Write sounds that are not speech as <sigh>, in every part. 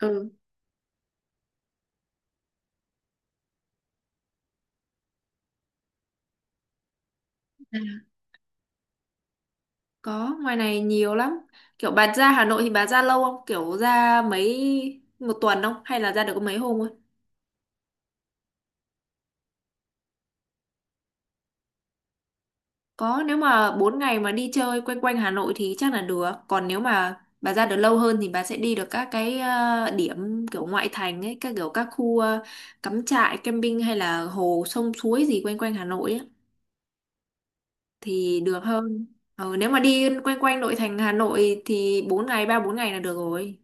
ừ à, có ngoài này nhiều lắm. Kiểu bà ra Hà Nội thì bà ra lâu không, kiểu ra mấy một tuần không hay là ra được có mấy hôm thôi? Có, nếu mà 4 ngày mà đi chơi quanh quanh Hà Nội thì chắc là được, còn nếu mà bà ra được lâu hơn thì bà sẽ đi được các cái điểm kiểu ngoại thành ấy, các kiểu các khu cắm trại, camping hay là hồ sông suối gì quanh quanh Hà Nội ấy, thì được hơn. Nếu mà đi quanh quanh nội thành Hà Nội thì 4 ngày ba bốn ngày là được rồi.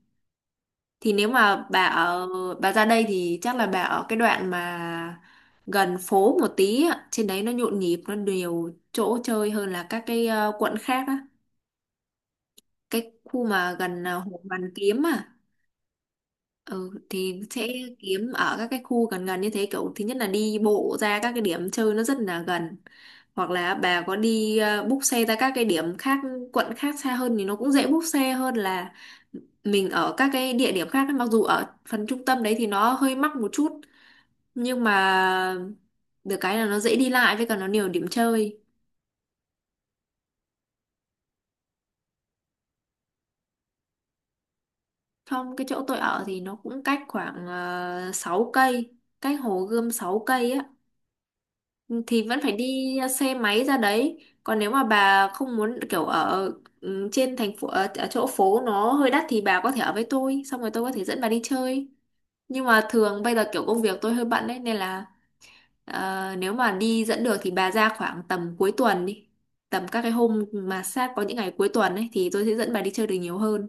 Thì nếu mà bà ra đây thì chắc là bà ở cái đoạn mà gần phố một tí á, trên đấy nó nhộn nhịp, nó nhiều chỗ chơi hơn là các cái quận khác á. Cái khu mà gần Hồ Hoàn Kiếm à. Ừ, thì sẽ kiếm ở các cái khu gần gần như thế, kiểu thứ nhất là đi bộ ra các cái điểm chơi nó rất là gần, hoặc là bà có đi book xe ra các cái điểm khác, quận khác xa hơn thì nó cũng dễ book xe hơn là mình ở các cái địa điểm khác ấy. Mặc dù ở phần trung tâm đấy thì nó hơi mắc một chút nhưng mà được cái là nó dễ đi lại với cả nó nhiều điểm chơi. Trong cái chỗ tôi ở thì nó cũng cách khoảng 6 cây, cách Hồ Gươm 6 cây á, thì vẫn phải đi xe máy ra đấy. Còn nếu mà bà không muốn kiểu trên thành phố ở, ở chỗ phố nó hơi đắt thì bà có thể ở với tôi xong rồi tôi có thể dẫn bà đi chơi. Nhưng mà thường bây giờ kiểu công việc tôi hơi bận đấy nên là nếu mà đi dẫn được thì bà ra khoảng tầm cuối tuần đi, tầm các cái hôm mà sát có những ngày cuối tuần ấy thì tôi sẽ dẫn bà đi chơi được nhiều hơn.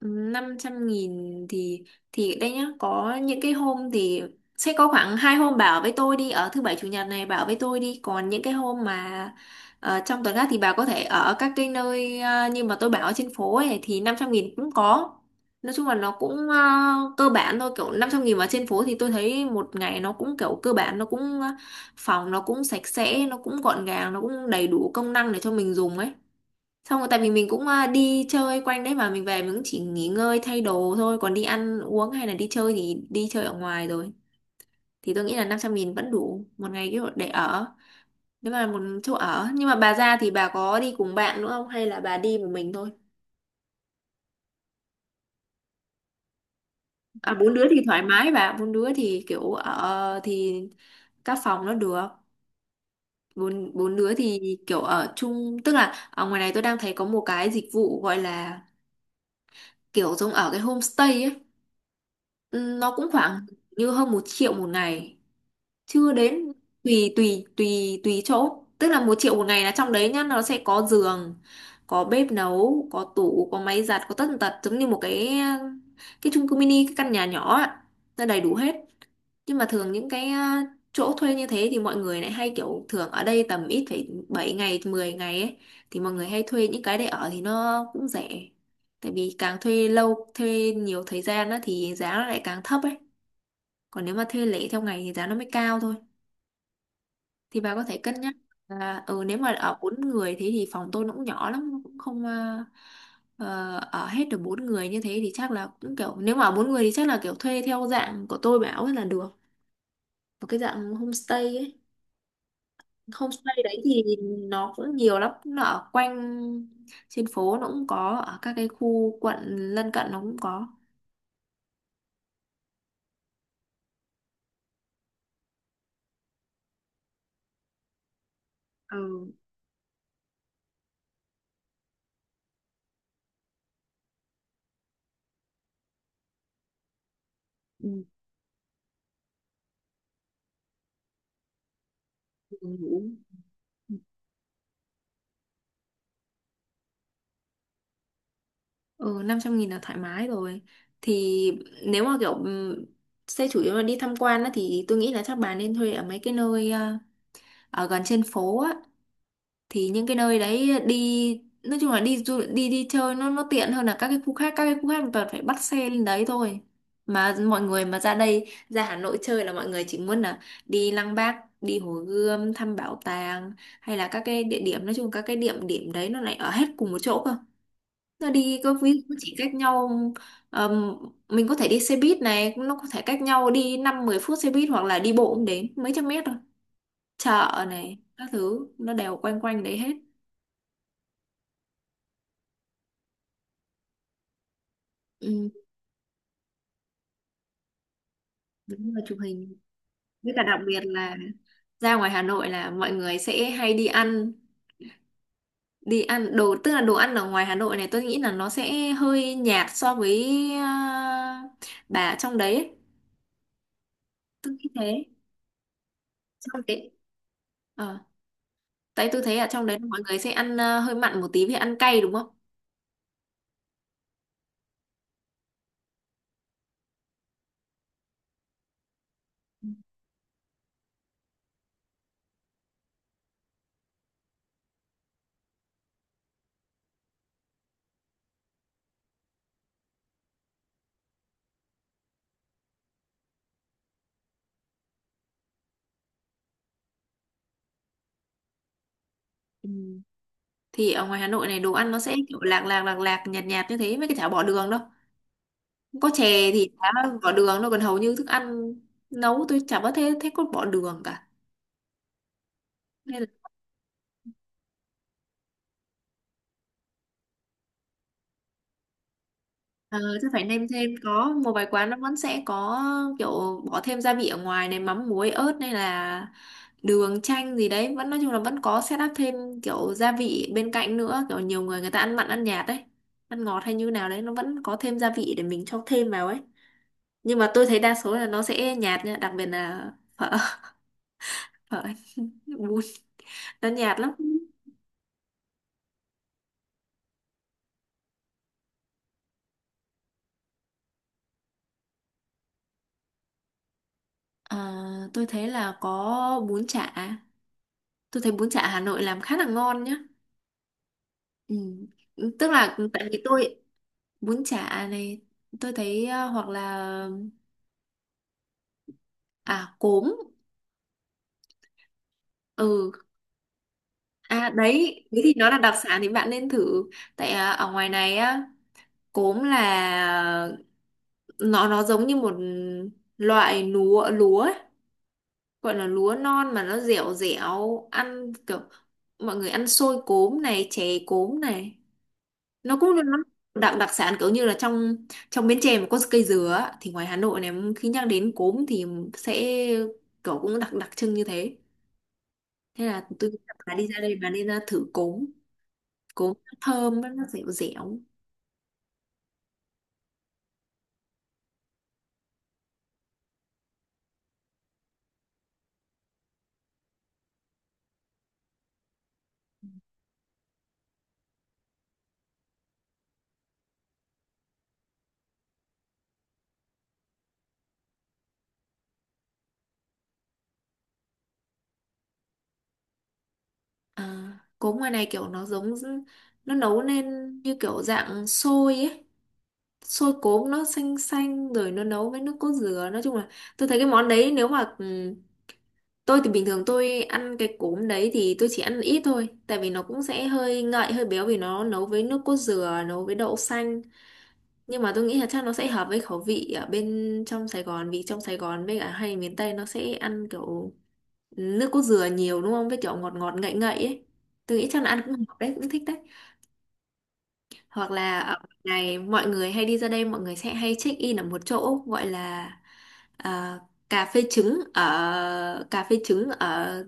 Năm trăm nghìn thì đây nhá, có những cái hôm thì sẽ có khoảng hai hôm, bảo với tôi đi ở thứ bảy chủ nhật này bảo với tôi đi, còn những cái hôm mà trong tuần khác thì bà có thể ở các cái nơi như mà tôi bảo ở trên phố ấy thì 500 nghìn cũng có. Nói chung là nó cũng cơ bản thôi, kiểu 500 nghìn mà trên phố thì tôi thấy một ngày nó cũng kiểu cơ bản, nó cũng phòng nó cũng sạch sẽ, nó cũng gọn gàng, nó cũng đầy đủ công năng để cho mình dùng ấy. Xong rồi tại vì mình cũng đi chơi quanh đấy mà mình về mình cũng chỉ nghỉ ngơi thay đồ thôi, còn đi ăn uống hay là đi chơi thì đi chơi ở ngoài rồi, thì tôi nghĩ là 500 nghìn vẫn đủ một ngày kiểu để ở, nếu mà một chỗ ở. Nhưng mà bà ra thì bà có đi cùng bạn nữa không hay là bà đi một mình thôi? À bốn đứa thì thoải mái bà, bốn đứa thì kiểu ở thì các phòng nó được. Bốn bốn đứa thì kiểu ở chung, tức là ở ngoài này tôi đang thấy có một cái dịch vụ gọi là kiểu giống ở cái homestay ấy. Ừ, nó cũng khoảng như hơn một triệu một ngày, chưa đến. Tùy tùy tùy tùy chỗ, tức là một triệu một ngày là trong đấy nhá, nó sẽ có giường, có bếp nấu, có tủ, có máy giặt, có tất tần tật, giống như một cái chung cư mini, cái căn nhà nhỏ ạ, nó đầy đủ hết. Nhưng mà thường những cái chỗ thuê như thế thì mọi người lại hay kiểu thường ở đây tầm ít phải 7 ngày 10 ngày ấy, thì mọi người hay thuê những cái để ở thì nó cũng rẻ, tại vì càng thuê lâu thuê nhiều thời gian á, thì giá nó lại càng thấp ấy, còn nếu mà thuê lẻ theo ngày thì giá nó mới cao thôi. Thì bà có thể cân nhắc là ừ, nếu mà ở bốn người thế thì phòng tôi nó cũng nhỏ lắm, nó cũng không ở hết được bốn người như thế, thì chắc là cũng kiểu nếu mà ở bốn người thì chắc là kiểu thuê theo dạng của tôi bảo ấy là được, một cái dạng homestay ấy. Homestay đấy thì nó cũng nhiều lắm, nó ở quanh trên phố nó cũng có, ở các cái khu quận lân cận nó cũng có. Ừ. Ừ. Ừ. Ừ, 500 nghìn là thoải mái rồi. Thì nếu mà kiểu xe chủ yếu là đi tham quan á, thì tôi nghĩ là chắc bà nên thuê ở mấy cái nơi ở gần trên phố á. Thì những cái nơi đấy đi nói chung là đi đi chơi nó tiện hơn là các cái khu khác. Các cái khu khác mình toàn phải bắt xe lên đấy thôi. Mà mọi người mà ra đây ra Hà Nội chơi là mọi người chỉ muốn là đi Lăng Bác, đi Hồ Gươm, thăm bảo tàng hay là các cái địa điểm, nói chung các cái địa điểm đấy nó lại ở hết cùng một chỗ cơ, nó đi có ví dụ chỉ cách nhau ờm, mình có thể đi xe buýt này, nó có thể cách nhau đi năm mười phút xe buýt hoặc là đi bộ cũng đến mấy trăm mét thôi, chợ này các thứ nó đều quanh quanh đấy hết. Ừ, đúng là chụp hình. Với cả đặc biệt là ra ngoài Hà Nội là mọi người sẽ hay đi ăn, đi ăn đồ, tức là đồ ăn ở ngoài Hà Nội này tôi nghĩ là nó sẽ hơi nhạt so với bà ở trong đấy ấy. Tôi nghĩ thế. Trong đấy. Ờ. Tại tôi thấy ở trong đấy mọi người sẽ ăn hơi mặn một tí vì ăn cay đúng không? Ừ. Thì ở ngoài Hà Nội này đồ ăn nó sẽ kiểu lạc lạc lạc lạc nhạt nhạt như thế, mấy cái chả bỏ đường đâu. Có chè thì chả bỏ đường đâu, còn hầu như thức ăn nấu tôi chả có thế thế có bỏ đường cả. Nên là Ờ, chắc phải nêm thêm, có một vài quán nó vẫn sẽ có kiểu bỏ thêm gia vị, ở ngoài này mắm muối ớt hay là đường chanh gì đấy vẫn, nói chung là vẫn có set up thêm kiểu gia vị bên cạnh nữa, kiểu nhiều người, người ta ăn mặn ăn nhạt đấy, ăn ngọt hay như nào đấy nó vẫn có thêm gia vị để mình cho thêm vào ấy. Nhưng mà tôi thấy đa số là nó sẽ nhạt nha, đặc biệt là phở <laughs> phở, bún, nó nhạt lắm. Ờ, tôi thấy là có bún chả, tôi thấy bún chả Hà Nội làm khá là ngon nhá. Ừ. Tức là tại vì tôi bún chả này, tôi thấy hoặc là à cốm. Ừ. À đấy thế thì nó là đặc sản thì bạn nên thử. Tại ở ngoài này á, cốm là nó giống như một loại lúa lúa ấy. Gọi là lúa non mà nó dẻo dẻo, ăn kiểu mọi người ăn xôi cốm này, chè cốm này, nó cũng nó đặc đặc sản kiểu như là trong trong Bến Tre mà có cây dừa á, thì ngoài Hà Nội này khi nhắc đến cốm thì sẽ kiểu cũng đặc đặc trưng như thế. Thế là tôi nghĩ là bà đi ra đây bà nên ra thử cốm, cốm nó thơm nó dẻo dẻo. À, cốm ngoài này kiểu nó giống nó nấu lên như kiểu dạng xôi ấy, xôi cốm nó xanh xanh rồi nó nấu với nước cốt dừa. Nói chung là tôi thấy cái món đấy nếu mà tôi thì bình thường tôi ăn cái cốm đấy thì tôi chỉ ăn ít thôi, tại vì nó cũng sẽ hơi ngậy hơi béo vì nó nấu với nước cốt dừa, nấu với đậu xanh. Nhưng mà tôi nghĩ là chắc nó sẽ hợp với khẩu vị ở bên trong Sài Gòn, vì trong Sài Gòn với cả hay miền Tây nó sẽ ăn kiểu nước cốt dừa nhiều đúng không, với kiểu ngọt ngọt ngậy ngậy ấy, tôi nghĩ chắc là ăn cũng hợp đấy, cũng thích đấy. Hoặc là ở này mọi người hay đi ra đây mọi người sẽ hay check in ở một chỗ gọi là à, cà phê trứng, ở cà phê trứng ở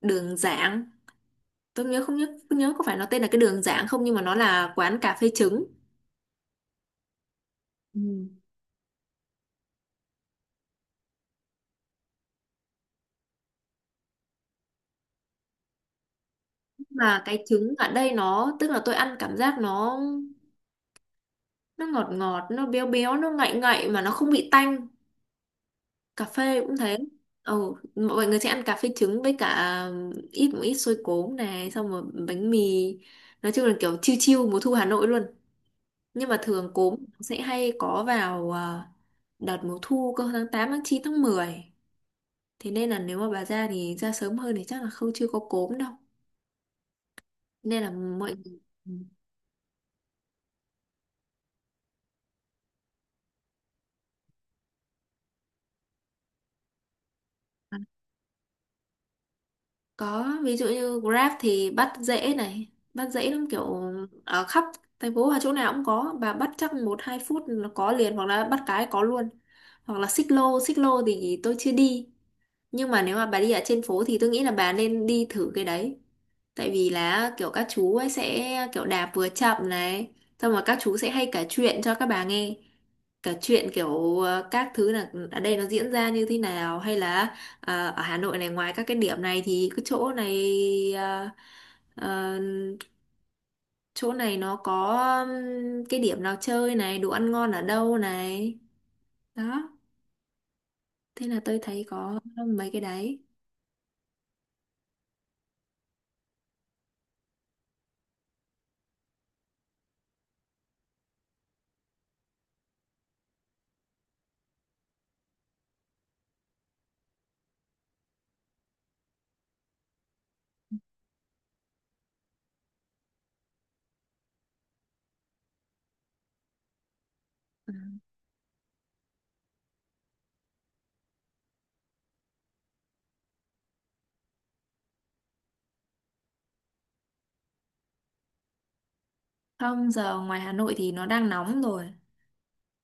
đường Giảng. Tôi nhớ không nhớ không nhớ có phải nó tên là cái đường Giảng không, nhưng mà nó là quán cà phê trứng. Ừ. Mà cái trứng ở đây nó tức là tôi ăn cảm giác nó ngọt ngọt nó béo béo nó ngậy ngậy mà nó không bị tanh, cà phê cũng thế. Ừ, mọi người sẽ ăn cà phê trứng với cả một ít xôi cốm này xong rồi bánh mì, nói chung là kiểu chiêu chiêu mùa thu Hà Nội luôn. Nhưng mà thường cốm sẽ hay có vào đợt mùa thu cơ, tháng 8 tháng 9 tháng mười. Thế nên là nếu mà bà ra thì ra sớm hơn thì chắc là không chưa có cốm đâu. Nên là mọi người ừ, có ví dụ như Grab thì bắt dễ này, bắt dễ lắm, kiểu ở khắp thành phố và chỗ nào cũng có, bà bắt chắc một hai phút là có liền hoặc là bắt cái có luôn. Hoặc là xích lô thì tôi chưa đi. Nhưng mà nếu mà bà đi ở trên phố thì tôi nghĩ là bà nên đi thử cái đấy. Tại vì là kiểu các chú ấy sẽ kiểu đạp vừa chậm này, xong rồi các chú sẽ hay kể chuyện cho các bà nghe. Kể chuyện kiểu các thứ là ở đây nó diễn ra như thế nào, hay là ở Hà Nội này ngoài các cái điểm này thì cái chỗ này ờ, ờ, chỗ này nó có cái điểm nào chơi này, đồ ăn ngon ở đâu này. Đó, thế là tôi thấy có mấy cái đấy. Ừ. Không, giờ ngoài Hà Nội thì nó đang nóng rồi.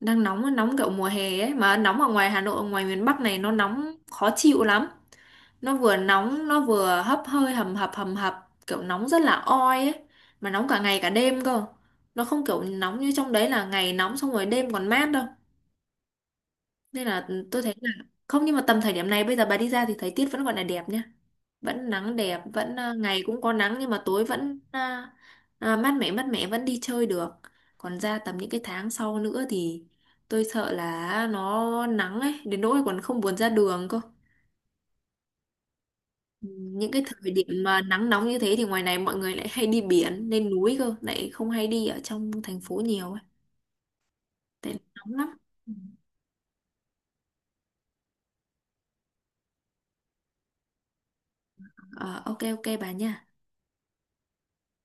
Đang nóng nóng kiểu mùa hè ấy, mà nóng ở ngoài Hà Nội ở ngoài miền Bắc này nó nóng khó chịu lắm, nó vừa nóng nó vừa hấp hơi hầm hập kiểu nóng rất là oi ấy, mà nóng cả ngày cả đêm cơ, nó không kiểu nóng như trong đấy là ngày nóng xong rồi đêm còn mát đâu. Nên là tôi thấy là không, nhưng mà tầm thời điểm này bây giờ bà đi ra thì thời tiết vẫn gọi là đẹp nhá, vẫn nắng đẹp, vẫn ngày cũng có nắng nhưng mà tối vẫn mát mẻ vẫn đi chơi được. Còn ra tầm những cái tháng sau nữa thì tôi sợ là nó nắng ấy đến nỗi còn không buồn ra đường cơ, những cái thời điểm mà nắng nóng như thế thì ngoài này mọi người lại hay đi biển lên núi cơ, lại không hay đi ở trong thành phố nhiều ấy, tại nóng lắm. Ờ, ok ok bà nha.